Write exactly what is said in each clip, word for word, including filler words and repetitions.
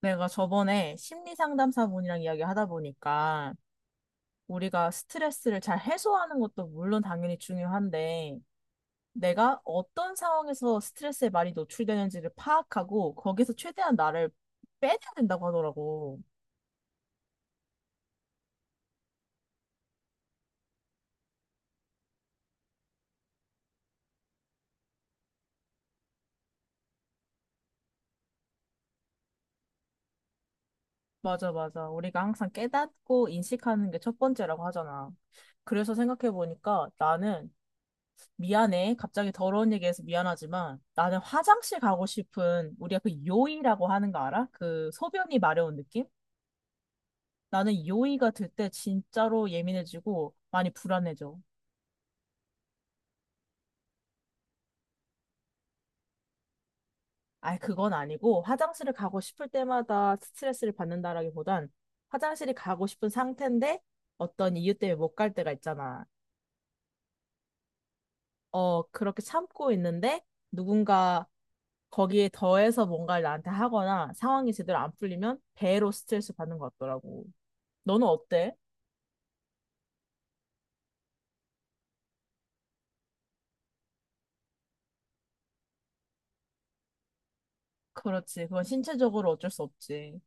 내가 저번에 심리 상담사분이랑 이야기하다 보니까 우리가 스트레스를 잘 해소하는 것도 물론 당연히 중요한데 내가 어떤 상황에서 스트레스에 많이 노출되는지를 파악하고 거기서 최대한 나를 빼내야 된다고 하더라고. 맞아, 맞아. 우리가 항상 깨닫고 인식하는 게 첫 번째라고 하잖아. 그래서 생각해보니까 나는 미안해. 갑자기 더러운 얘기해서 미안하지만 나는 화장실 가고 싶은 우리가 그 요이라고 하는 거 알아? 그 소변이 마려운 느낌? 나는 요의가 들 때 진짜로 예민해지고 많이 불안해져. 아이, 그건 아니고 화장실을 가고 싶을 때마다 스트레스를 받는다라기보단 화장실이 가고 싶은 상태인데 어떤 이유 때문에 못 갈 때가 있잖아. 어, 그렇게 참고 있는데 누군가 거기에 더해서 뭔가를 나한테 하거나 상황이 제대로 안 풀리면 배로 스트레스 받는 것 같더라고. 너는 어때? 그렇지. 그건 신체적으로 어쩔 수 없지.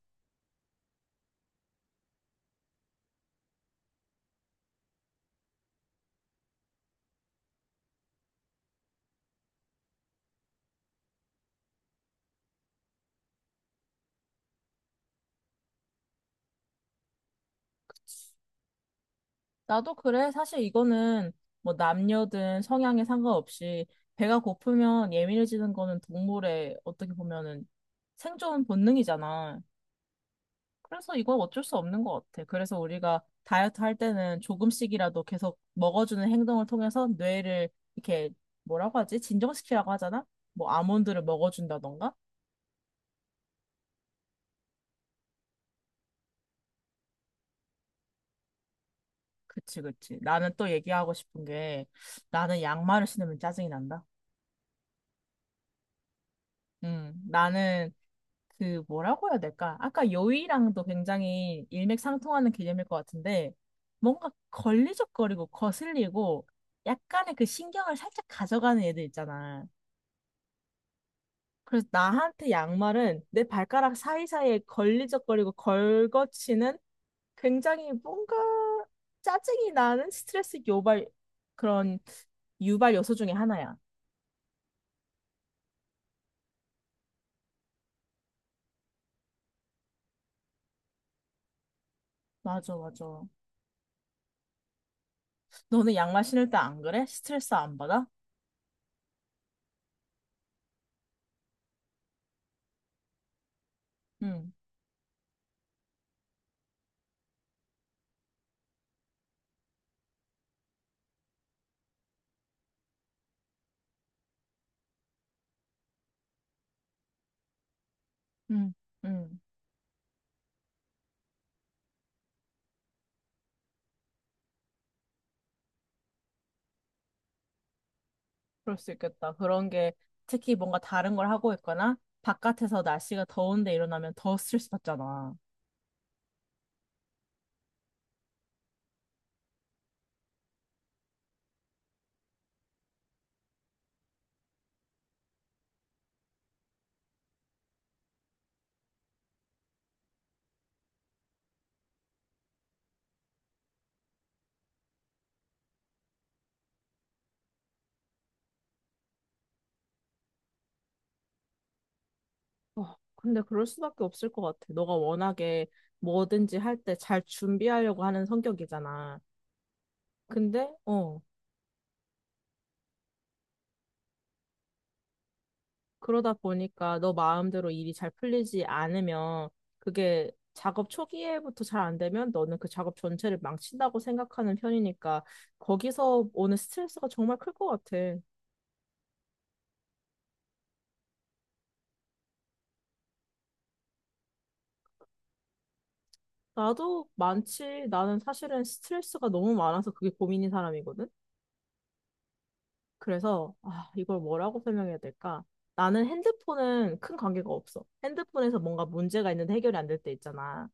나도 그래. 사실 이거는 뭐 남녀든 성향에 상관없이 배가 고프면 예민해지는 거는 동물의 어떻게 보면은 생존 본능이잖아. 그래서 이건 어쩔 수 없는 것 같아. 그래서 우리가 다이어트 할 때는 조금씩이라도 계속 먹어주는 행동을 통해서 뇌를 이렇게 뭐라고 하지? 진정시키라고 하잖아? 뭐 아몬드를 먹어준다던가? 그치, 그치. 나는 또 얘기하고 싶은 게 나는 양말을 신으면 짜증이 난다. 음, 나는 그 뭐라고 해야 될까? 아까 요의랑도 굉장히 일맥상통하는 개념일 것 같은데 뭔가 걸리적거리고 거슬리고 약간의 그 신경을 살짝 가져가는 애들 있잖아. 그래서 나한테 양말은 내 발가락 사이사이에 걸리적거리고 걸거치는 굉장히 뭔가 짜증이 나는 스트레스 유발 그런 유발 요소 중에 하나야. 맞아, 맞아. 너는 양말 신을 때 안 그래? 스트레스 안 받아? 응, 응, 응. 그럴 수 있겠다. 그런 게 특히 뭔가 다른 걸 하고 있거나 바깥에서 날씨가 더운데 일어나면 더 스트레스 받잖아. 어, 근데 그럴 수밖에 없을 것 같아. 너가 워낙에 뭐든지 할 때 잘 준비하려고 하는 성격이잖아. 근데, 어, 그러다 보니까 너 마음대로 일이 잘 풀리지 않으면 그게 작업 초기에부터 잘 안 되면 너는 그 작업 전체를 망친다고 생각하는 편이니까 거기서 오는 스트레스가 정말 클 것 같아. 나도 많지. 나는 사실은 스트레스가 너무 많아서 그게 고민인 사람이거든. 그래서 아, 이걸 뭐라고 설명해야 될까? 나는 핸드폰은 큰 관계가 없어. 핸드폰에서 뭔가 문제가 있는데 해결이 안 될 때 있잖아.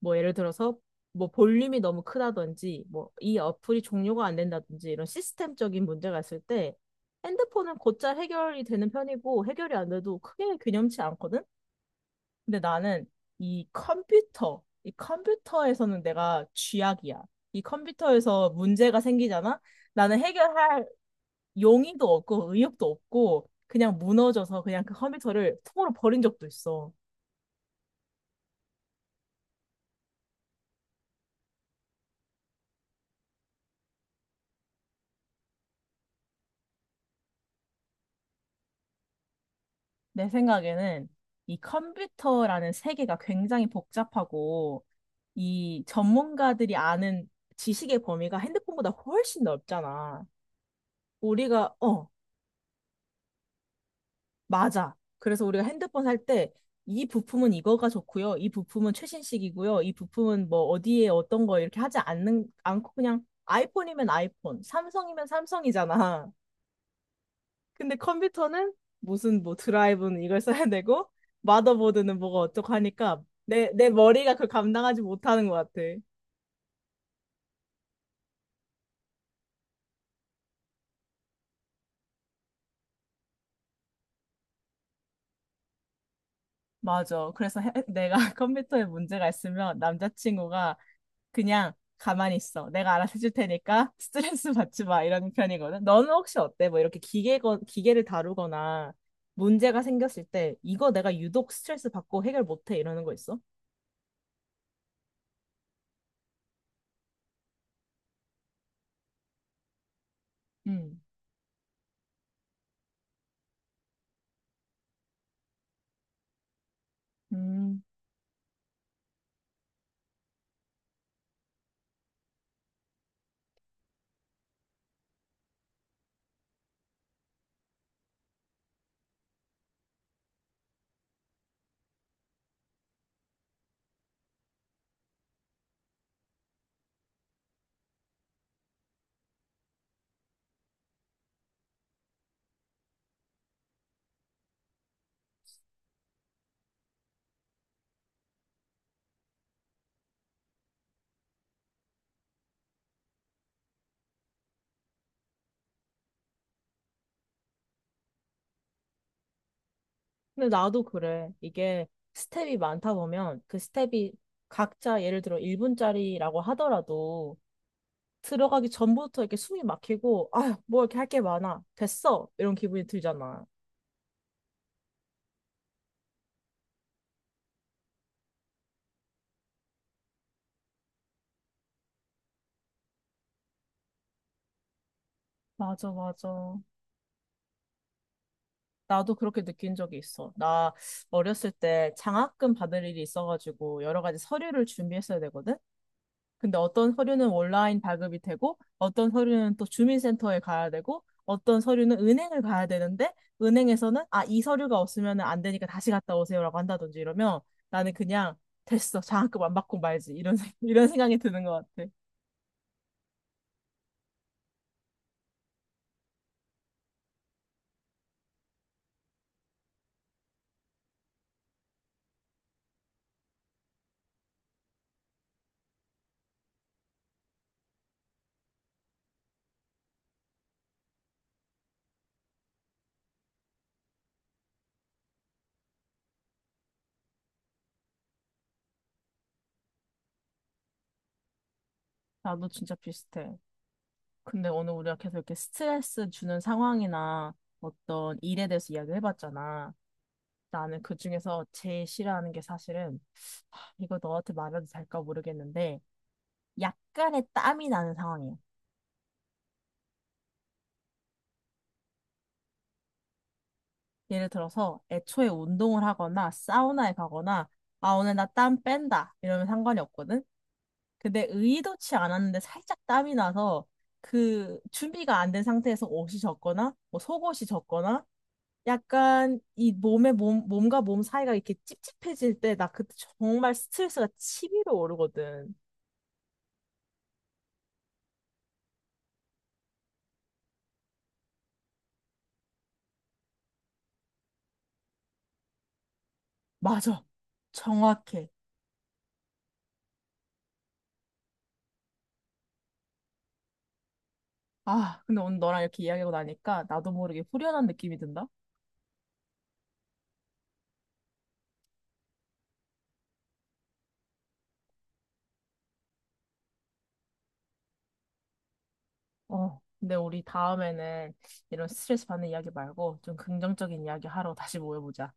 뭐 예를 들어서 뭐 볼륨이 너무 크다든지 뭐 이 어플이 종료가 안 된다든지 이런 시스템적인 문제가 있을 때 핸드폰은 곧잘 해결이 되는 편이고 해결이 안 돼도 크게 균염치 않거든. 근데 나는 이 컴퓨터, 이 컴퓨터에서는 내가 쥐약이야. 이 컴퓨터에서 문제가 생기잖아? 나는 해결할 용의도 없고 의욕도 없고 그냥 무너져서 그냥 그 컴퓨터를 통으로 버린 적도 있어. 내 생각에는 이 컴퓨터라는 세계가 굉장히 복잡하고 이 전문가들이 아는 지식의 범위가 핸드폰보다 훨씬 넓잖아. 우리가, 어, 맞아. 그래서 우리가 핸드폰 살 때 이 부품은 이거가 좋고요. 이 부품은 최신식이고요. 이 부품은 뭐 어디에 어떤 거 이렇게 하지 않는 않고 그냥 아이폰이면 아이폰, 삼성이면 삼성이잖아. 근데 컴퓨터는 무슨 뭐 드라이브는 이걸 써야 되고 마더보드는 뭐가 어쩌고 하니까 내 내 머리가 그걸 감당하지 못하는 것 같아. 맞아. 그래서 해- 내가 컴퓨터에 문제가 있으면 남자친구가 그냥 가만히 있어. 내가 알아서 해줄 테니까 스트레스 받지 마. 이런 편이거든. 너는 혹시 어때? 뭐 이렇게 기계, 기계를 다루거나 문제가 생겼을 때 이거 내가 유독 스트레스 받고 해결 못해. 이러는 거 있어? 음. 음, 근데 나도 그래. 이게 스텝이 많다 보면 그 스텝이 각자 예를 들어 일 분짜리라고 하더라도 들어가기 전부터 이렇게 숨이 막히고, 아, 뭐 이렇게 할 게 많아. 됐어. 이런 기분이 들잖아. 맞아, 맞아. 나도 그렇게 느낀 적이 있어. 나 어렸을 때 장학금 받을 일이 있어가지고 여러 가지 서류를 준비했어야 되거든? 근데 어떤 서류는 온라인 발급이 되고, 어떤 서류는 또 주민센터에 가야 되고, 어떤 서류는 은행을 가야 되는데, 은행에서는 아, 이 서류가 없으면 안 되니까 다시 갔다 오세요라고 한다든지 이러면 나는 그냥 됐어. 장학금 안 받고 말지. 이런, 생- 이런 생각이 드는 것 같아. 나도 진짜 비슷해. 근데 오늘 우리가 계속 이렇게 스트레스 주는 상황이나 어떤 일에 대해서 이야기를 해봤잖아. 나는 그중에서 제일 싫어하는 게 사실은 이거 너한테 말해도 될까 모르겠는데 약간의 땀이 나는 상황이야. 예를 들어서 애초에 운동을 하거나 사우나에 가거나 아 오늘 나 땀 뺀다 이러면 상관이 없거든. 근데 의도치 않았는데 살짝 땀이 나서 그 준비가 안 된 상태에서 옷이 젖거나 뭐 속옷이 젖거나 약간 이 몸에 몸, 몸과 몸 사이가 이렇게 찝찝해질 때 나 그때 정말 스트레스가 치밀어 오르거든. 맞아. 정확해. 아, 근데 오늘 너랑 이렇게 이야기하고 나니까 나도 모르게 후련한 느낌이 든다. 어. 근데 우리 다음에는 이런 스트레스 받는 이야기 말고 좀 긍정적인 이야기 하러 다시 모여보자.